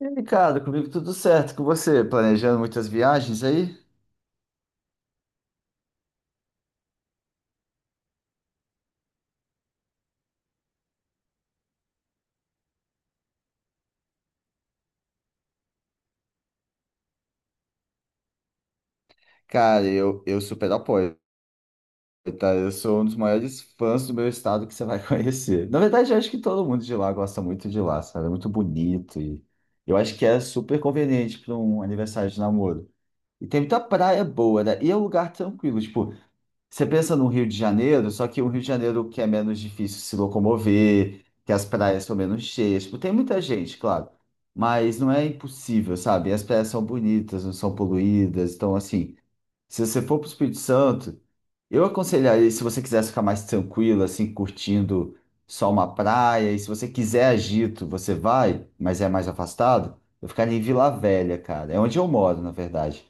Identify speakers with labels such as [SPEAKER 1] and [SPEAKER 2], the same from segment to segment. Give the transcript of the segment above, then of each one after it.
[SPEAKER 1] E, aí, Ricardo, comigo tudo certo, com você, planejando muitas viagens aí? Cara, eu super apoio, tá? Eu sou um dos maiores fãs do meu estado que você vai conhecer. Na verdade, eu acho que todo mundo de lá gosta muito de lá, sabe? É muito bonito e eu acho que é super conveniente para um aniversário de namoro. E tem muita praia boa, né? E é um lugar tranquilo, tipo, você pensa no Rio de Janeiro, só que o Rio de Janeiro que é menos difícil se locomover, que as praias são menos cheias. Tipo, tem muita gente, claro, mas não é impossível, sabe? E as praias são bonitas, não são poluídas. Então, assim, se você for para o Espírito Santo, eu aconselharia, se você quiser ficar mais tranquilo, assim, curtindo só uma praia, e se você quiser agito, você vai, mas é mais afastado, eu ficaria em Vila Velha, cara. É onde eu moro, na verdade,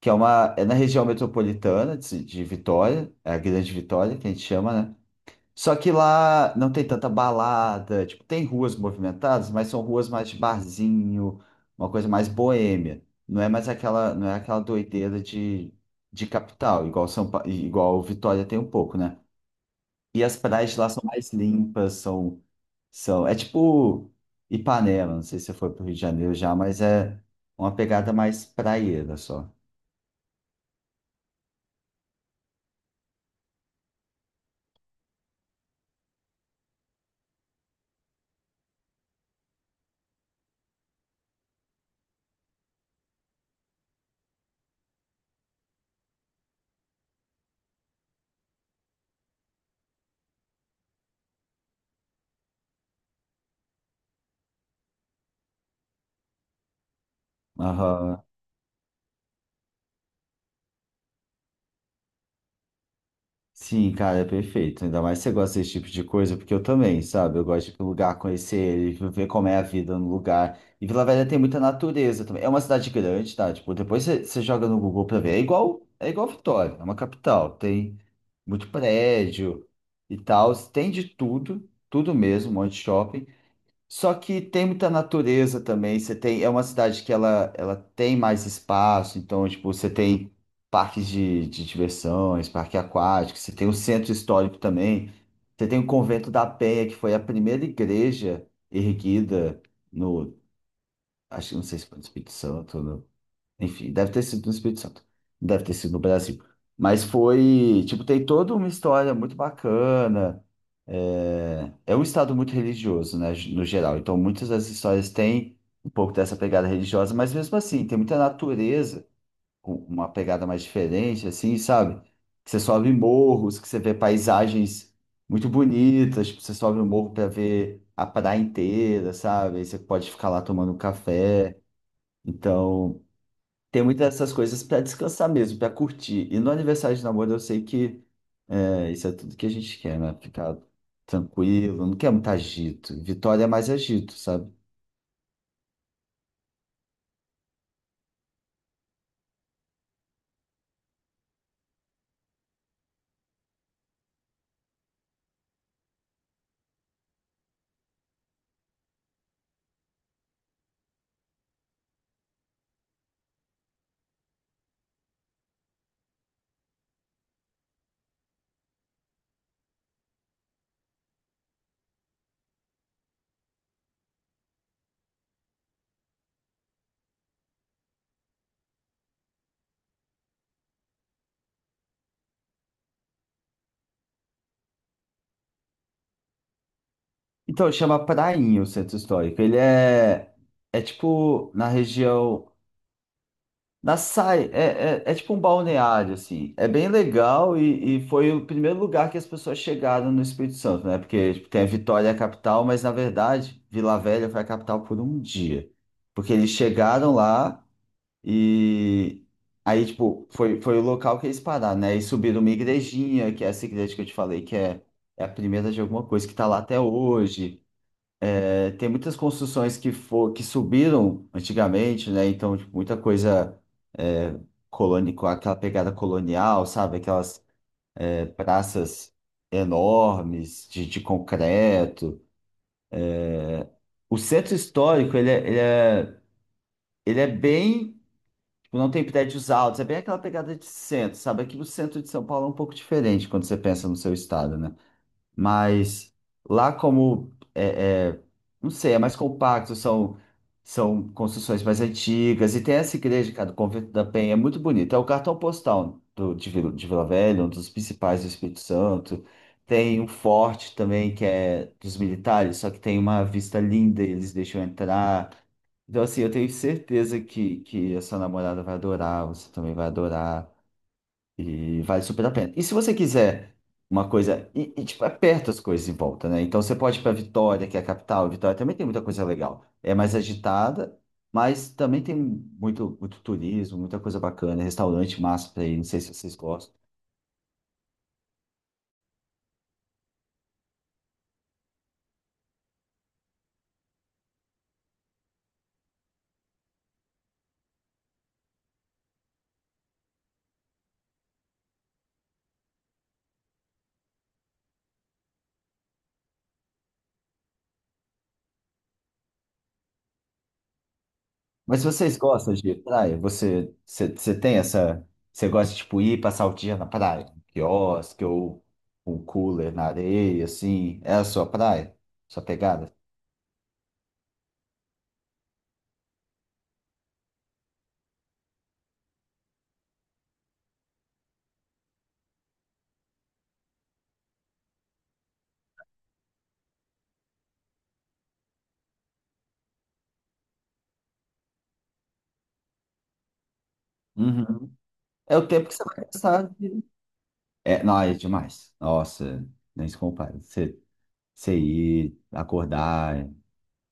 [SPEAKER 1] que é uma é na região metropolitana de Vitória, é a Grande Vitória que a gente chama, né? Só que lá não tem tanta balada, tipo, tem ruas movimentadas, mas são ruas mais de barzinho, uma coisa mais boêmia. Não é mais aquela, não é aquela doideira de capital, igual São Pa- igual Vitória tem um pouco, né? E as praias de lá são mais limpas, são são tipo Ipanema, não sei se você foi para o Rio de Janeiro já, mas é uma pegada mais praieira só. Aham. Sim, cara, é perfeito. Ainda mais se você gosta desse tipo de coisa, porque eu também, sabe? Eu gosto de ir pro lugar, conhecer ele, ver como é a vida no lugar. E Vila Velha tem muita natureza também. É uma cidade grande, tá? Tipo, depois você joga no Google pra ver. É igual Vitória, é uma capital. Tem muito prédio e tal. Tem de tudo, tudo mesmo, um monte de shopping. Só que tem muita natureza também. Você tem, é uma cidade que ela tem mais espaço, então, tipo, você tem parques de diversões, parque aquático, você tem o centro histórico também. Você tem o Convento da Penha, que foi a primeira igreja erguida no, acho que não sei se foi no Espírito Santo, enfim, deve ter sido no Espírito Santo. Deve ter sido no Brasil. Mas foi, tipo, tem toda uma história muito bacana. É, é um estado muito religioso, né, no geral. Então, muitas das histórias têm um pouco dessa pegada religiosa, mas mesmo assim, tem muita natureza, com uma pegada mais diferente, assim, sabe? Que você sobe morros, que você vê paisagens muito bonitas, tipo, você sobe o morro para ver a praia inteira, sabe? Aí você pode ficar lá tomando um café. Então tem muitas dessas coisas para descansar mesmo, para curtir. E no aniversário de namoro eu sei que é, isso é tudo que a gente quer, né? Ficar tranquilo, não quer muito agito. Vitória é mais agito, sabe? Então chama Prainha o centro histórico. Ele é, é tipo na região. Na Sai, é tipo um balneário, assim. É bem legal e foi o primeiro lugar que as pessoas chegaram no Espírito Santo, né? Porque tipo, tem a Vitória, a capital, mas na verdade, Vila Velha foi a capital por um dia. Porque eles chegaram lá e aí, tipo, foi o local que eles pararam, né? E subiram uma igrejinha, que é essa igreja que eu te falei, que é, é a primeira de alguma coisa que tá lá até hoje. É, tem muitas construções que, for, que subiram antigamente, né? Então, tipo, muita coisa é, coloni- com aquela pegada colonial, sabe? Aquelas é, praças enormes de concreto. O centro histórico, ele é bem. Tipo, não tem prédios altos, é bem aquela pegada de centro, sabe? Aqui no centro de São Paulo é um pouco diferente quando você pensa no seu estado, né? Mas lá como é, é, não sei, é mais compacto, são, são construções mais antigas, e tem essa igreja, cara, do Convento da Penha, é muito bonito. É o cartão postal do, de Vila Velha, um dos principais do Espírito Santo. Tem um forte também, que é dos militares, só que tem uma vista linda, e eles deixam entrar. Então, assim, eu tenho certeza que a sua namorada vai adorar, você também vai adorar. E vale super a pena. E se você quiser uma coisa. E tipo, é perto as coisas em volta, né? Então você pode ir para Vitória, que é a capital. Vitória também tem muita coisa legal. É mais agitada, mas também tem muito, muito turismo, muita coisa bacana, restaurante massa para ir. Não sei se vocês gostam. Mas se vocês gostam de praia, você tem essa. Você gosta de tipo, ir passar o dia na praia? Um quiosque ou um cooler na areia, assim? É a sua praia? Sua pegada? Uhum. É o tempo que você vai gastar. É, não, é demais. Nossa, nem se compara. Você, você ir, acordar,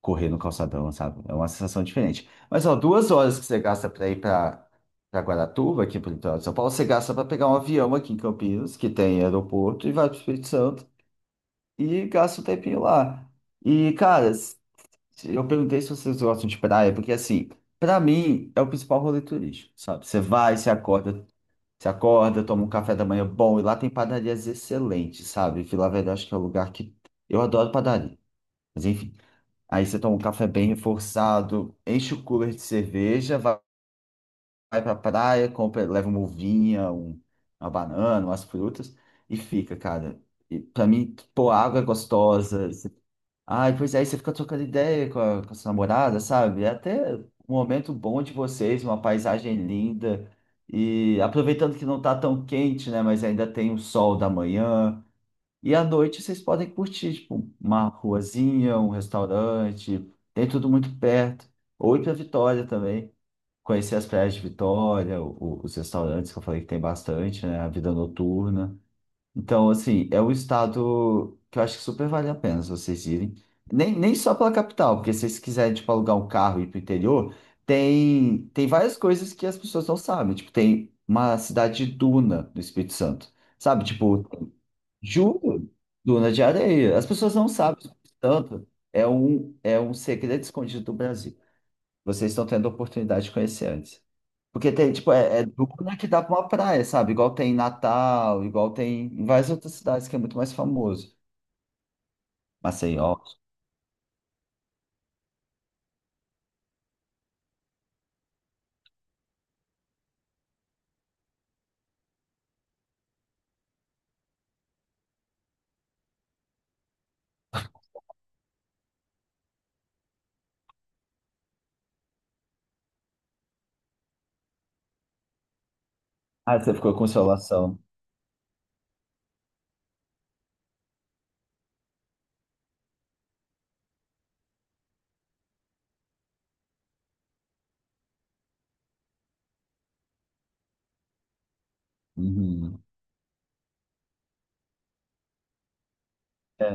[SPEAKER 1] correr no calçadão, sabe? É uma sensação diferente. Mas, ó, 2 horas que você gasta pra ir pra, pra Guaratuba, aqui pro litoral de São Paulo, você gasta pra pegar um avião aqui em Campinas, que tem aeroporto, e vai pro Espírito Santo, e gasta um tempinho lá. E, cara, eu perguntei se vocês gostam de praia, porque, assim, pra mim, é o principal rolê turístico, sabe? Você vai, você acorda, toma um café da manhã bom, e lá tem padarias excelentes, sabe? Vila Velha, eu acho que é o lugar que. Eu adoro padaria. Mas enfim. Aí você toma um café bem reforçado, enche o cooler de cerveja, vai, vai pra praia, compra, leva uma uvinha, uma banana, umas frutas, e fica, cara. E pra mim, pô, a água é gostosa. Ai, pois é, aí você fica trocando ideia com a sua namorada, sabe? É até um momento bom de vocês, uma paisagem linda. E aproveitando que não tá tão quente, né? Mas ainda tem o sol da manhã. E à noite vocês podem curtir, tipo, uma ruazinha, um restaurante. Tem tudo muito perto. Ou ir pra Vitória também. Conhecer as praias de Vitória, os restaurantes que eu falei que tem bastante, né? A vida noturna. Então, assim, é um estado que eu acho que super vale a pena se vocês irem. Nem só pela capital, porque se vocês quiserem, tipo, alugar um carro e ir pro interior, tem várias coisas que as pessoas não sabem. Tipo, tem uma cidade de duna no Espírito Santo, sabe? Tipo, juro, duna de areia. As pessoas não sabem, o Espírito Santo é um segredo escondido do Brasil. Vocês estão tendo a oportunidade de conhecer antes. Porque tem, tipo, é duna que dá pra uma praia, sabe? Igual tem em Natal, igual tem em várias outras cidades que é muito mais famoso. Maceió. Ah, você ficou com Consolação. Uhum. É.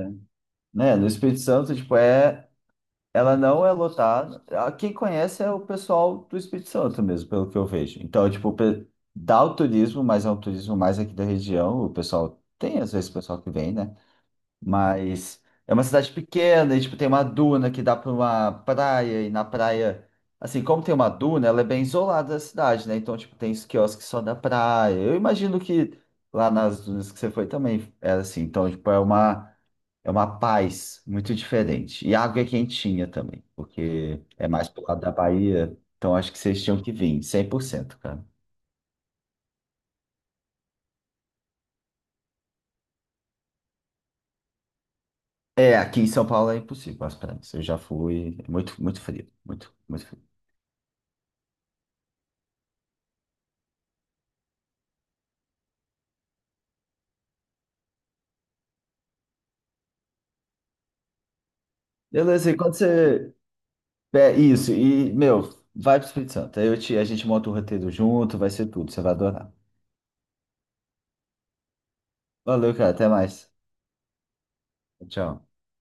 [SPEAKER 1] Né? No Espírito Santo, tipo, é... Ela não é lotada. Ah, quem conhece é o pessoal do Espírito Santo mesmo, pelo que eu vejo. Então, tipo, pe- dá o turismo, mas é um turismo mais aqui da região. O pessoal... Tem, às vezes, o pessoal que vem, né? Mas é uma cidade pequena e, tipo, tem uma duna que dá para uma praia. E na praia, assim, como tem uma duna, ela é bem isolada da cidade, né? Então, tipo, tem os quiosques só da praia. Eu imagino que lá nas dunas que você foi também era assim. Então, tipo, é uma paz muito diferente. E a água é quentinha também, porque é mais pro lado da Bahia. Então, acho que vocês tinham que vir, 100%, cara. É, aqui em São Paulo é impossível as praias. Eu já fui, é muito, muito frio, muito, muito frio. Beleza, e quando você, é isso, e, meu, vai pro Espírito Santo. Aí eu te, a gente monta o roteiro junto, vai ser tudo, você vai adorar. Valeu, cara, até mais. Tchau.